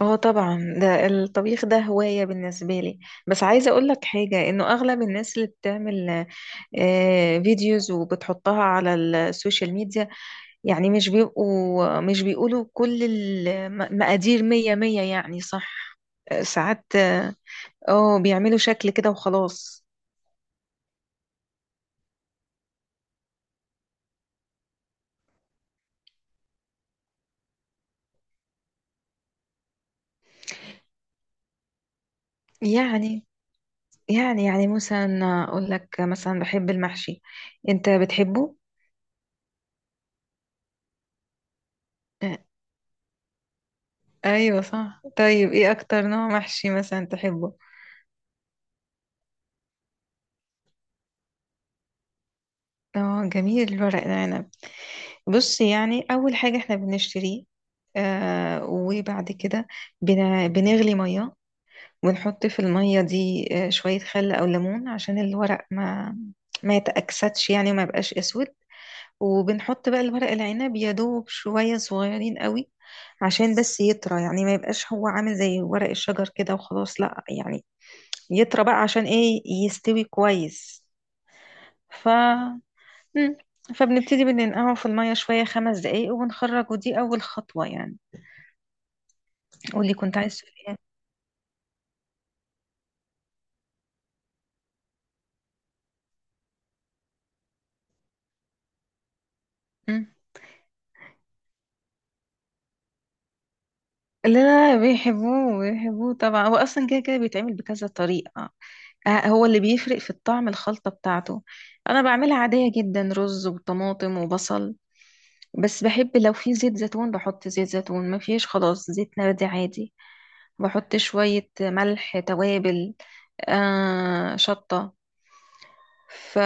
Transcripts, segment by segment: اه، طبعا. ده الطبيخ ده هواية بالنسبة لي. بس عايزة اقول لك حاجة، انه اغلب الناس اللي بتعمل فيديوز وبتحطها على السوشيال ميديا، يعني مش بيقولوا كل المقادير مية مية، يعني صح. ساعات بيعملوا شكل كده وخلاص. يعني يعني مثلا اقول لك، مثلا بحب المحشي. انت بتحبه؟ آه، ايوه صح. طيب ايه اكتر نوع محشي مثلا تحبه؟ اه جميل الورق العنب. بص، يعني اول حاجه احنا بنشتريه. آه، وبعد كده بنغلي ميه ونحط في الميه دي شويه خل او ليمون، عشان الورق ما يتأكسدش يعني، وما يبقاش اسود. وبنحط بقى الورق العنب يا دوب شويه صغيرين قوي، عشان بس يطرى، يعني ما يبقاش هو عامل زي ورق الشجر كده وخلاص، لا يعني يطرى بقى عشان ايه يستوي كويس. ف مم. فبنبتدي بننقعه في المية شوية خمس دقايق وبنخرج، ودي أول خطوة يعني. واللي كنت عايز تقوليها. مم. لا لا، بيحبوه بيحبوه طبعا. هو أصلا كده كده بيتعمل بكذا طريقة. هو اللي بيفرق في الطعم الخلطة بتاعته. أنا بعملها عادية جدا، رز وطماطم وبصل. بس بحب لو في زيت زيتون بحط زيت زيتون، ما فيش خلاص زيت نباتي عادي. بحط شوية ملح توابل، شطة. ف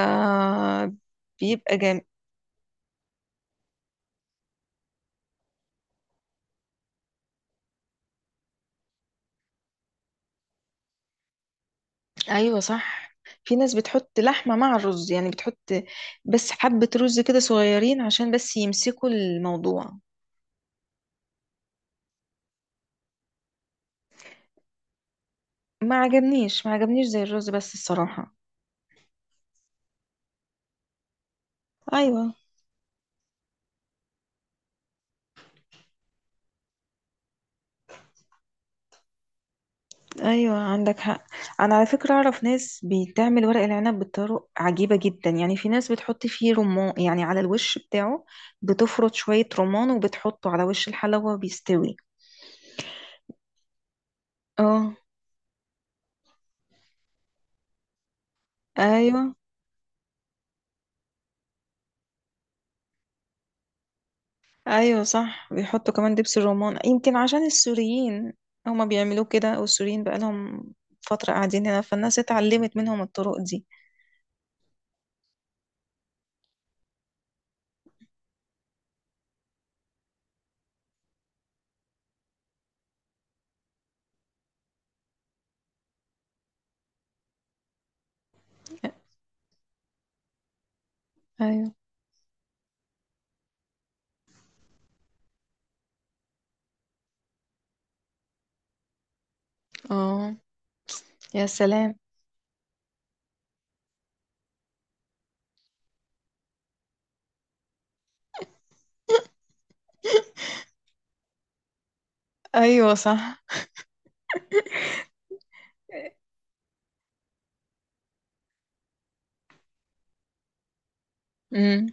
بيبقى جميل. ايوه صح. في ناس بتحط لحمة مع الرز، يعني بتحط بس حبة رز كده صغيرين عشان بس يمسكوا الموضوع. ما عجبنيش زي الرز بس الصراحة. ايوه. ايوه عندك حق. انا على فكرة اعرف ناس بتعمل ورق العنب بطرق عجيبة جدا، يعني في ناس بتحط فيه رمان، يعني على الوش بتاعه، بتفرط شوية رمان وبتحطه على وش الحلوة بيستوي. اه. ايوه. ايوه صح. بيحطوا كمان دبس الرمان، يمكن عشان السوريين هما بيعملوه كده، والسوريين بقالهم فترة قاعدين هنا، فالناس اتعلمت منهم الطرق دي. ايوه. اه يا سلام. ايوه صح. امم.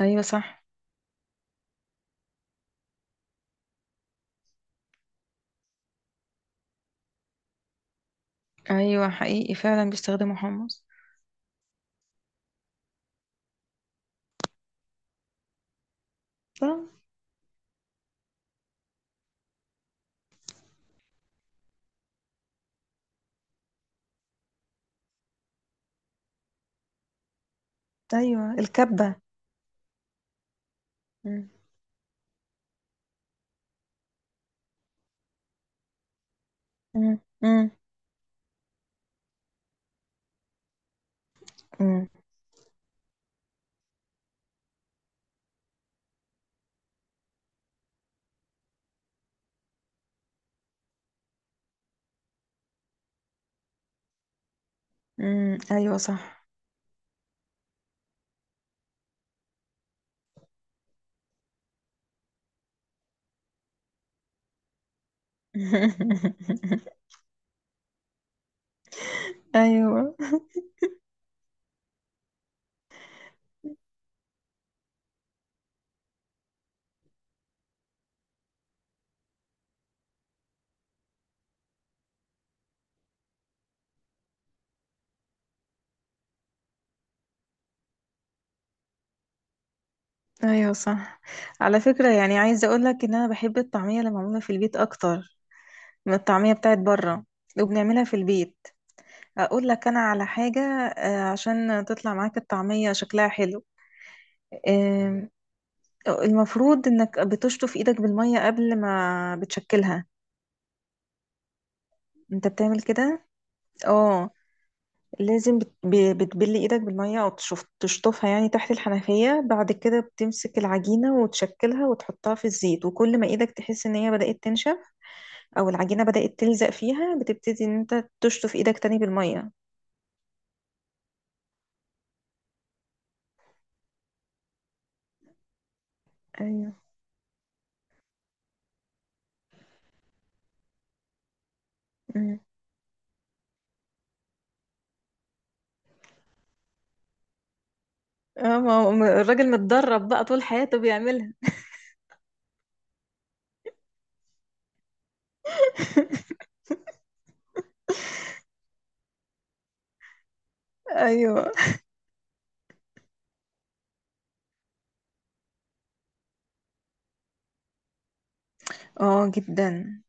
ايوه صح. ايوه حقيقي فعلا بيستخدموا حمص. صح. ايوه الكبة. مم. مم. مم. مم. مم. ايوه صح. ايوه. ايوه صح. على فكرة يعني عايزة اقولك ان انا بحب الطعمية اللي معمولة في البيت اكتر من الطعمية بتاعت بره. وبنعملها في البيت. اقول لك انا على حاجة، عشان تطلع معاك الطعمية شكلها حلو. آم، المفروض انك بتشطف ايدك بالمية قبل ما بتشكلها. انت بتعمل كده؟ اه، لازم بتبلي ايدك بالمية، او تشطفها يعني تحت الحنفية، بعد كده بتمسك العجينة وتشكلها وتحطها في الزيت، وكل ما ايدك تحس ان هي بدأت تنشف او العجينة بدأت تلزق فيها، بتبتدي ان انت تشطف ايدك تاني بالمية. ايوه. أمم. اه، ما الراجل متدرب بقى طول حياته بيعملها. ايوه. اه جدا.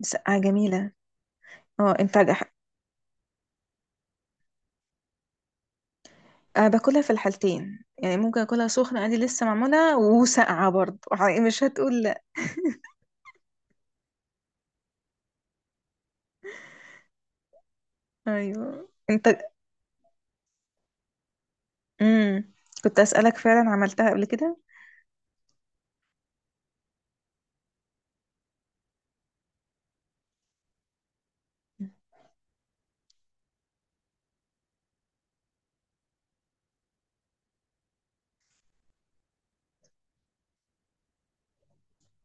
مسقعة جميلة. اه، أنا باكلها في الحالتين، يعني ممكن اكلها سخنة عادي لسه معمولة، وساقعة برضه، مش هتقول لا. ايوه انت. امم. كنت أسألك فعلا عملتها قبل كده؟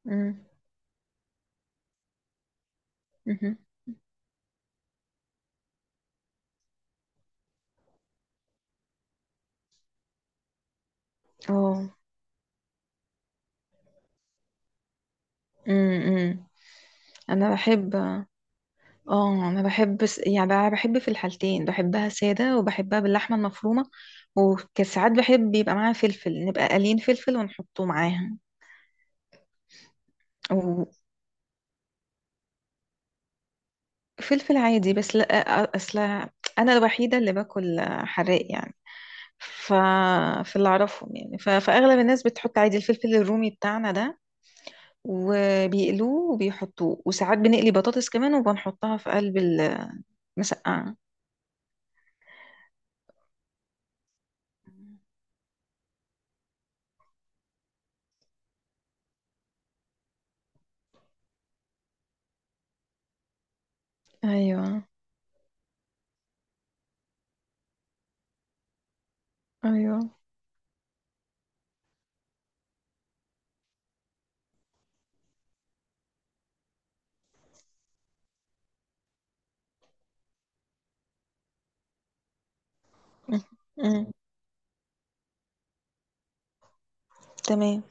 امم. امم. اه. امم. انا بحب. اه انا بحب يعني أنا بحب في الحالتين، بحبها سادة وبحبها باللحمة المفرومة. وكساعات بحب يبقى معاها فلفل، نبقى قالين فلفل ونحطه معاها. وفلفل عادي. بس لا، اصل انا الوحيدة اللي باكل حراق يعني. ف في اللي اعرفهم يعني، فاغلب الناس بتحط عادي الفلفل الرومي بتاعنا ده، وبيقلوه وبيحطوه. وساعات بنقلي بطاطس كمان وبنحطها في قلب المسقعة. ايوه. ايوه. مم. مم. تمام.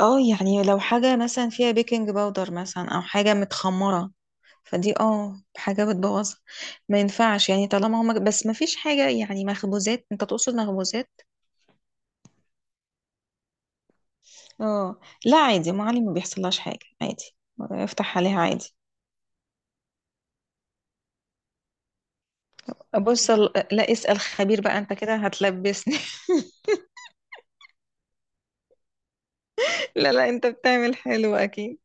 اه يعني لو حاجة مثلا فيها بيكنج باودر مثلا، او حاجة متخمرة، فدي حاجة بتبوظها. ما ينفعش يعني، طالما هما بس ما فيش حاجة، يعني مخبوزات، انت تقصد مخبوزات. اه لا، عادي، أم علي ما بيحصلهاش حاجة عادي. افتح عليها عادي. لا، اسأل خبير بقى، انت كده هتلبسني. لا لا، انت بتعمل حلو اكيد.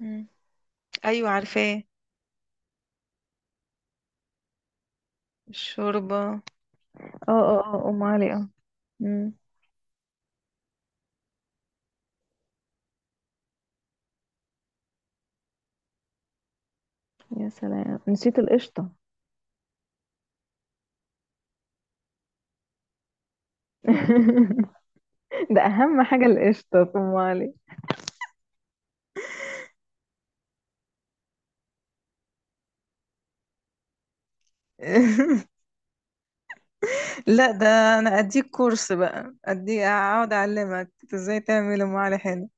مم. ايوه عارفاه. الشوربة اه. اه. اه ام علي اه. مم. يا سلام، نسيت القشطة. ده اهم حاجة، القشطة في ام علي. لا ده، انا اديك كورس بقى، اديك اقعد اعلمك ازاي تعمل ام علي حلو.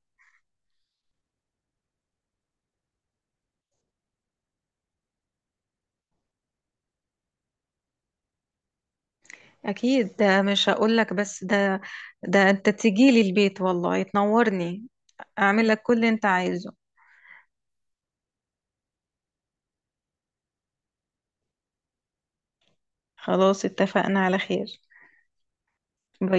اكيد، ده مش هقولك بس. ده ده انت تجيلي البيت والله تنورني. اعمل لك كل اللي انت عايزه. خلاص اتفقنا على خير. باي.